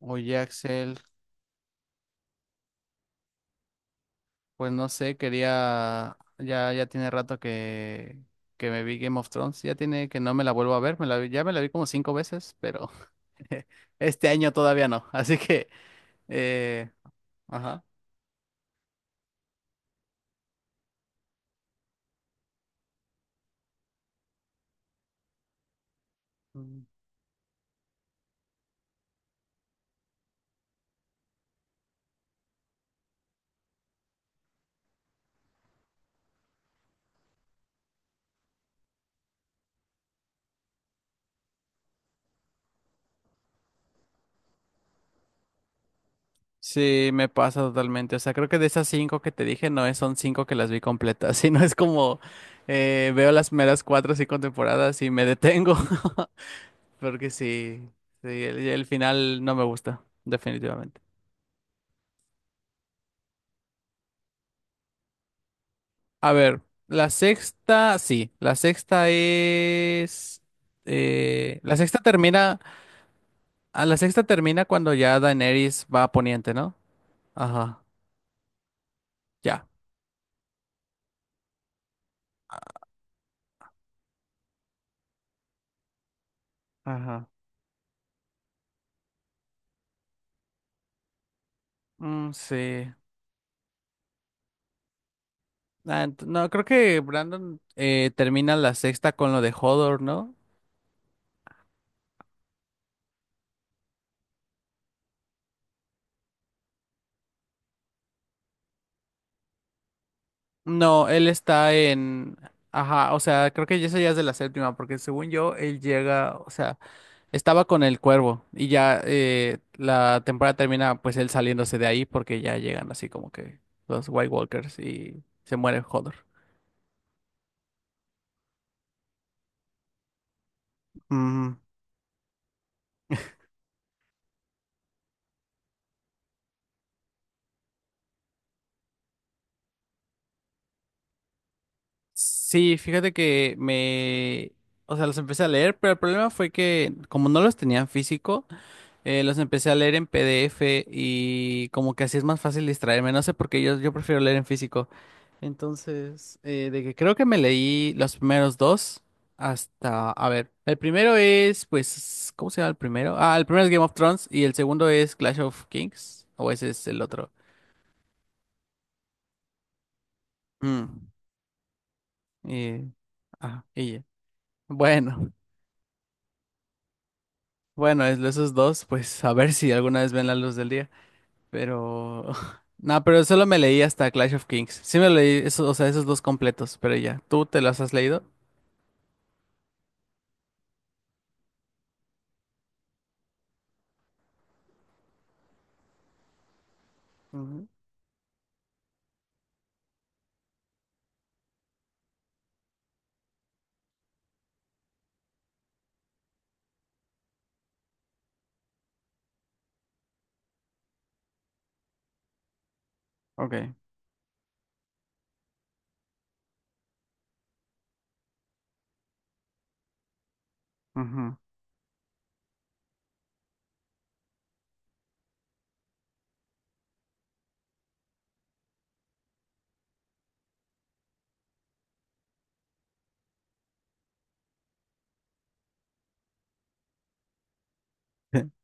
Oye, Axel, pues no sé, quería, ya, ya tiene rato que me vi Game of Thrones, ya tiene que no me la vuelvo a ver, ya me la vi como cinco veces, pero este año todavía no. Así que, eh, ajá. Mm. Sí, me pasa totalmente. O sea, creo que de esas cinco que te dije, no es, son cinco que las vi completas, sino es como, veo las meras cuatro o cinco temporadas y me detengo. Porque sí, sí, el final no me gusta, definitivamente. A ver, la sexta, sí, la sexta es... la sexta termina... A la sexta termina cuando ya Daenerys va a Poniente, ¿no? Ajá, ya. Ajá. Mm, sí. No, creo que Brandon, termina la sexta con lo de Hodor, ¿no? No, él está en... Ajá, o sea, creo que eso ya es de la séptima, porque según yo, él llega, o sea... Estaba con el cuervo y ya, la temporada termina pues él saliéndose de ahí porque ya llegan así como que los White Walkers y se muere Hodor. Mm. Sí, fíjate que me... O sea, los empecé a leer, pero el problema fue que como no los tenía en físico, los empecé a leer en PDF y como que así es más fácil distraerme. No sé por qué yo prefiero leer en físico. Entonces, de que creo que me leí los primeros dos hasta, a ver, el primero es, pues, ¿cómo se llama el primero? Ah, el primero es Game of Thrones y el segundo es Clash of Kings, o ese es el otro. Mm, eh, y ya. Bueno, bueno, esos dos, pues, a ver si alguna vez ven la luz del día, pero... No, pero solo me leí hasta Clash of Kings. Sí me leí esos, o sea, esos dos completos, pero ya, ¿tú te los has leído? Ujú. Ok. Ujú.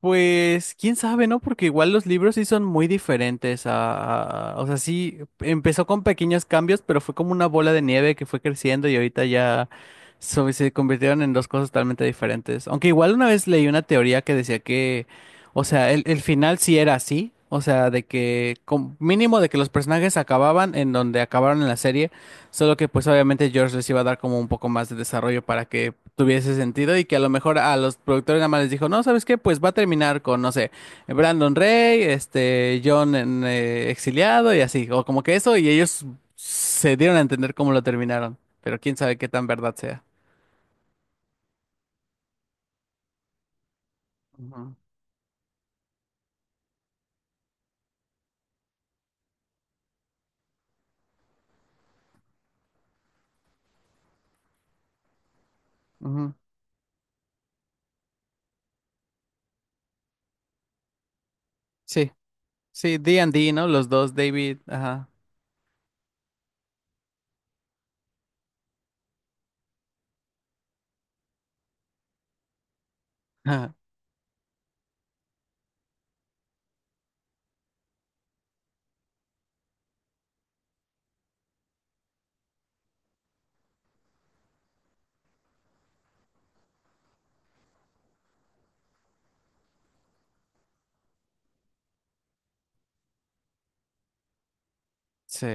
Pues quién sabe, ¿no? Porque igual los libros sí son muy diferentes a, o sea, sí empezó con pequeños cambios, pero fue como una bola de nieve que fue creciendo y ahorita ya se convirtieron en dos cosas totalmente diferentes. Aunque igual una vez leí una teoría que decía que, o sea, el final sí era así, o sea, de que mínimo de que los personajes acababan en donde acabaron en la serie. Solo que pues obviamente George les iba a dar como un poco más de desarrollo para que tuviese sentido y que a lo mejor a los productores nada más les dijo, no, ¿sabes qué? Pues va a terminar con, no sé, Brandon Rey, este, John en, exiliado y así, o como que eso, y ellos se dieron a entender cómo lo terminaron, pero quién sabe qué tan verdad sea. Ujú, ujú. Sí, sí, D and D, ¿no? Los dos, David, ajá. Sí.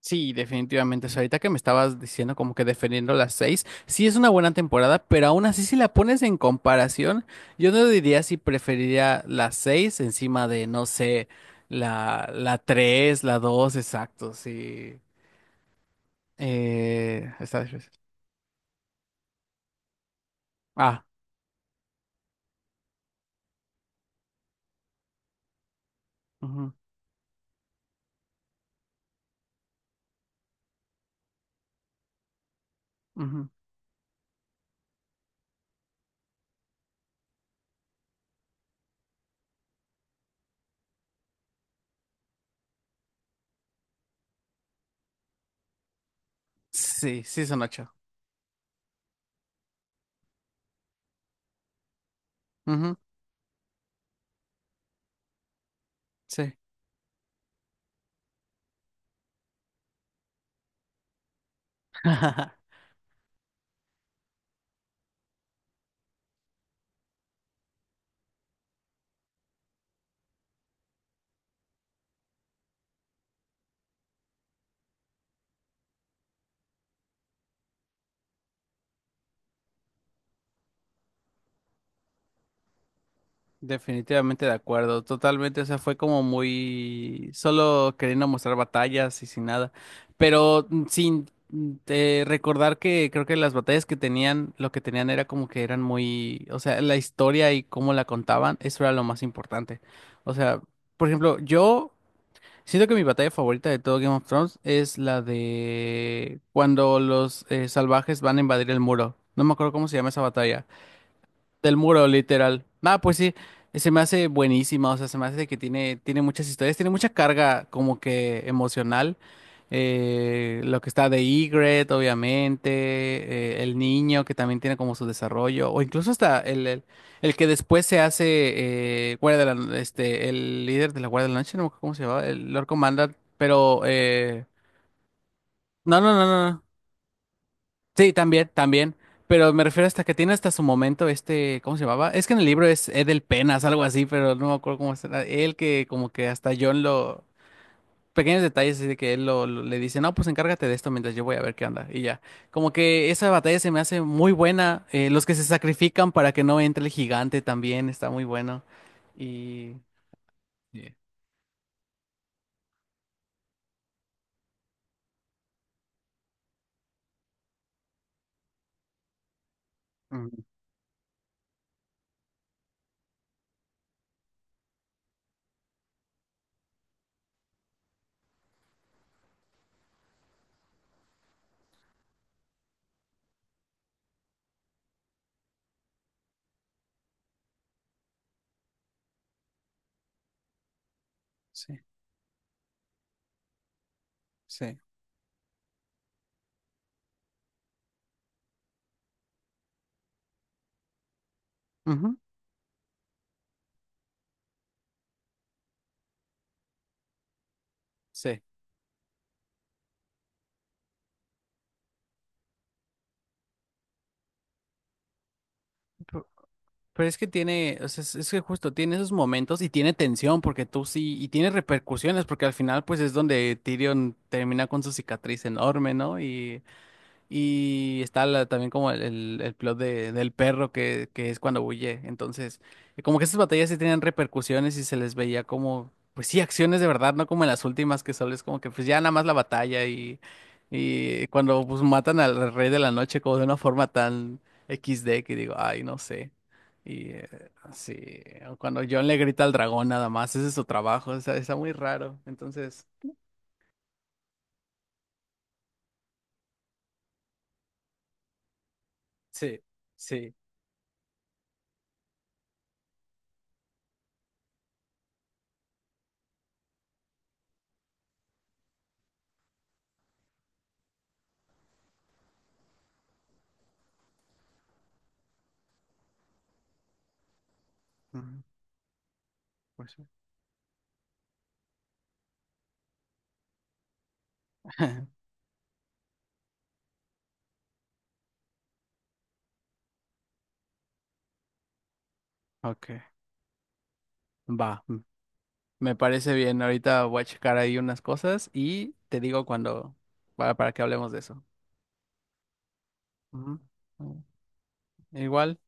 Sí, definitivamente. O sea, ahorita que me estabas diciendo como que defendiendo las seis, sí es una buena temporada, pero aún así si la pones en comparación, yo no diría si preferiría las seis encima de, no sé, la tres, la dos, exacto, sí. Está difícil. Ah, ujú, ujú. Sí, sí son ocho. Ujú, sí. Definitivamente de acuerdo, totalmente. O sea, fue como muy solo queriendo mostrar batallas y sin nada, pero sin recordar que creo que las batallas que tenían, lo que tenían era como que eran muy, o sea, la historia y cómo la contaban, eso era lo más importante. O sea, por ejemplo, yo siento que mi batalla favorita de todo Game of Thrones es la de cuando los, salvajes van a invadir el muro. No me acuerdo cómo se llama esa batalla. Del muro, literal. Ah, pues sí, se me hace buenísima. O sea, se me hace que tiene, tiene muchas historias, tiene mucha carga como que emocional. Lo que está de Ygritte, obviamente, el niño que también tiene como su desarrollo, o incluso hasta el que después se hace, este, el líder de la Guardia de la Noche, no me acuerdo cómo se llamaba, el Lord Commander, pero no, no, no, no, no. Sí, también, también. Pero me refiero hasta que tiene hasta su momento este, ¿cómo se llamaba? Es que en el libro es Edel Penas, algo así, pero no me acuerdo cómo será. Él que como que hasta John lo... Pequeños detalles así de que él le dice, no, pues encárgate de esto mientras yo voy a ver qué onda. Y ya. Como que esa batalla se me hace muy buena. Los que se sacrifican para que no entre el gigante también está muy bueno. Y... Sí. Mm, sí, sí. Ujú, sí. Pero es que tiene, o sea, es que justo tiene esos momentos y tiene tensión porque tú sí, y tiene repercusiones porque al final pues es donde Tyrion termina con su cicatriz enorme, ¿no? Y está también como el plot de, del perro que es cuando huye. Entonces, como que esas batallas sí tenían repercusiones y se les veía como, pues sí, acciones de verdad, no como en las últimas que solo es como que pues ya nada más la batalla y cuando pues matan al rey de la noche como de una forma tan XD, que digo, ay, no sé. Y, sí, o cuando John le grita al dragón nada más, ese es su trabajo, está muy raro. Entonces, sí, sí. Ujú, pues sí. Ok. Va, me parece bien. Ahorita voy a checar ahí unas cosas y te digo cuando, para que hablemos de eso. Ujú. Igual.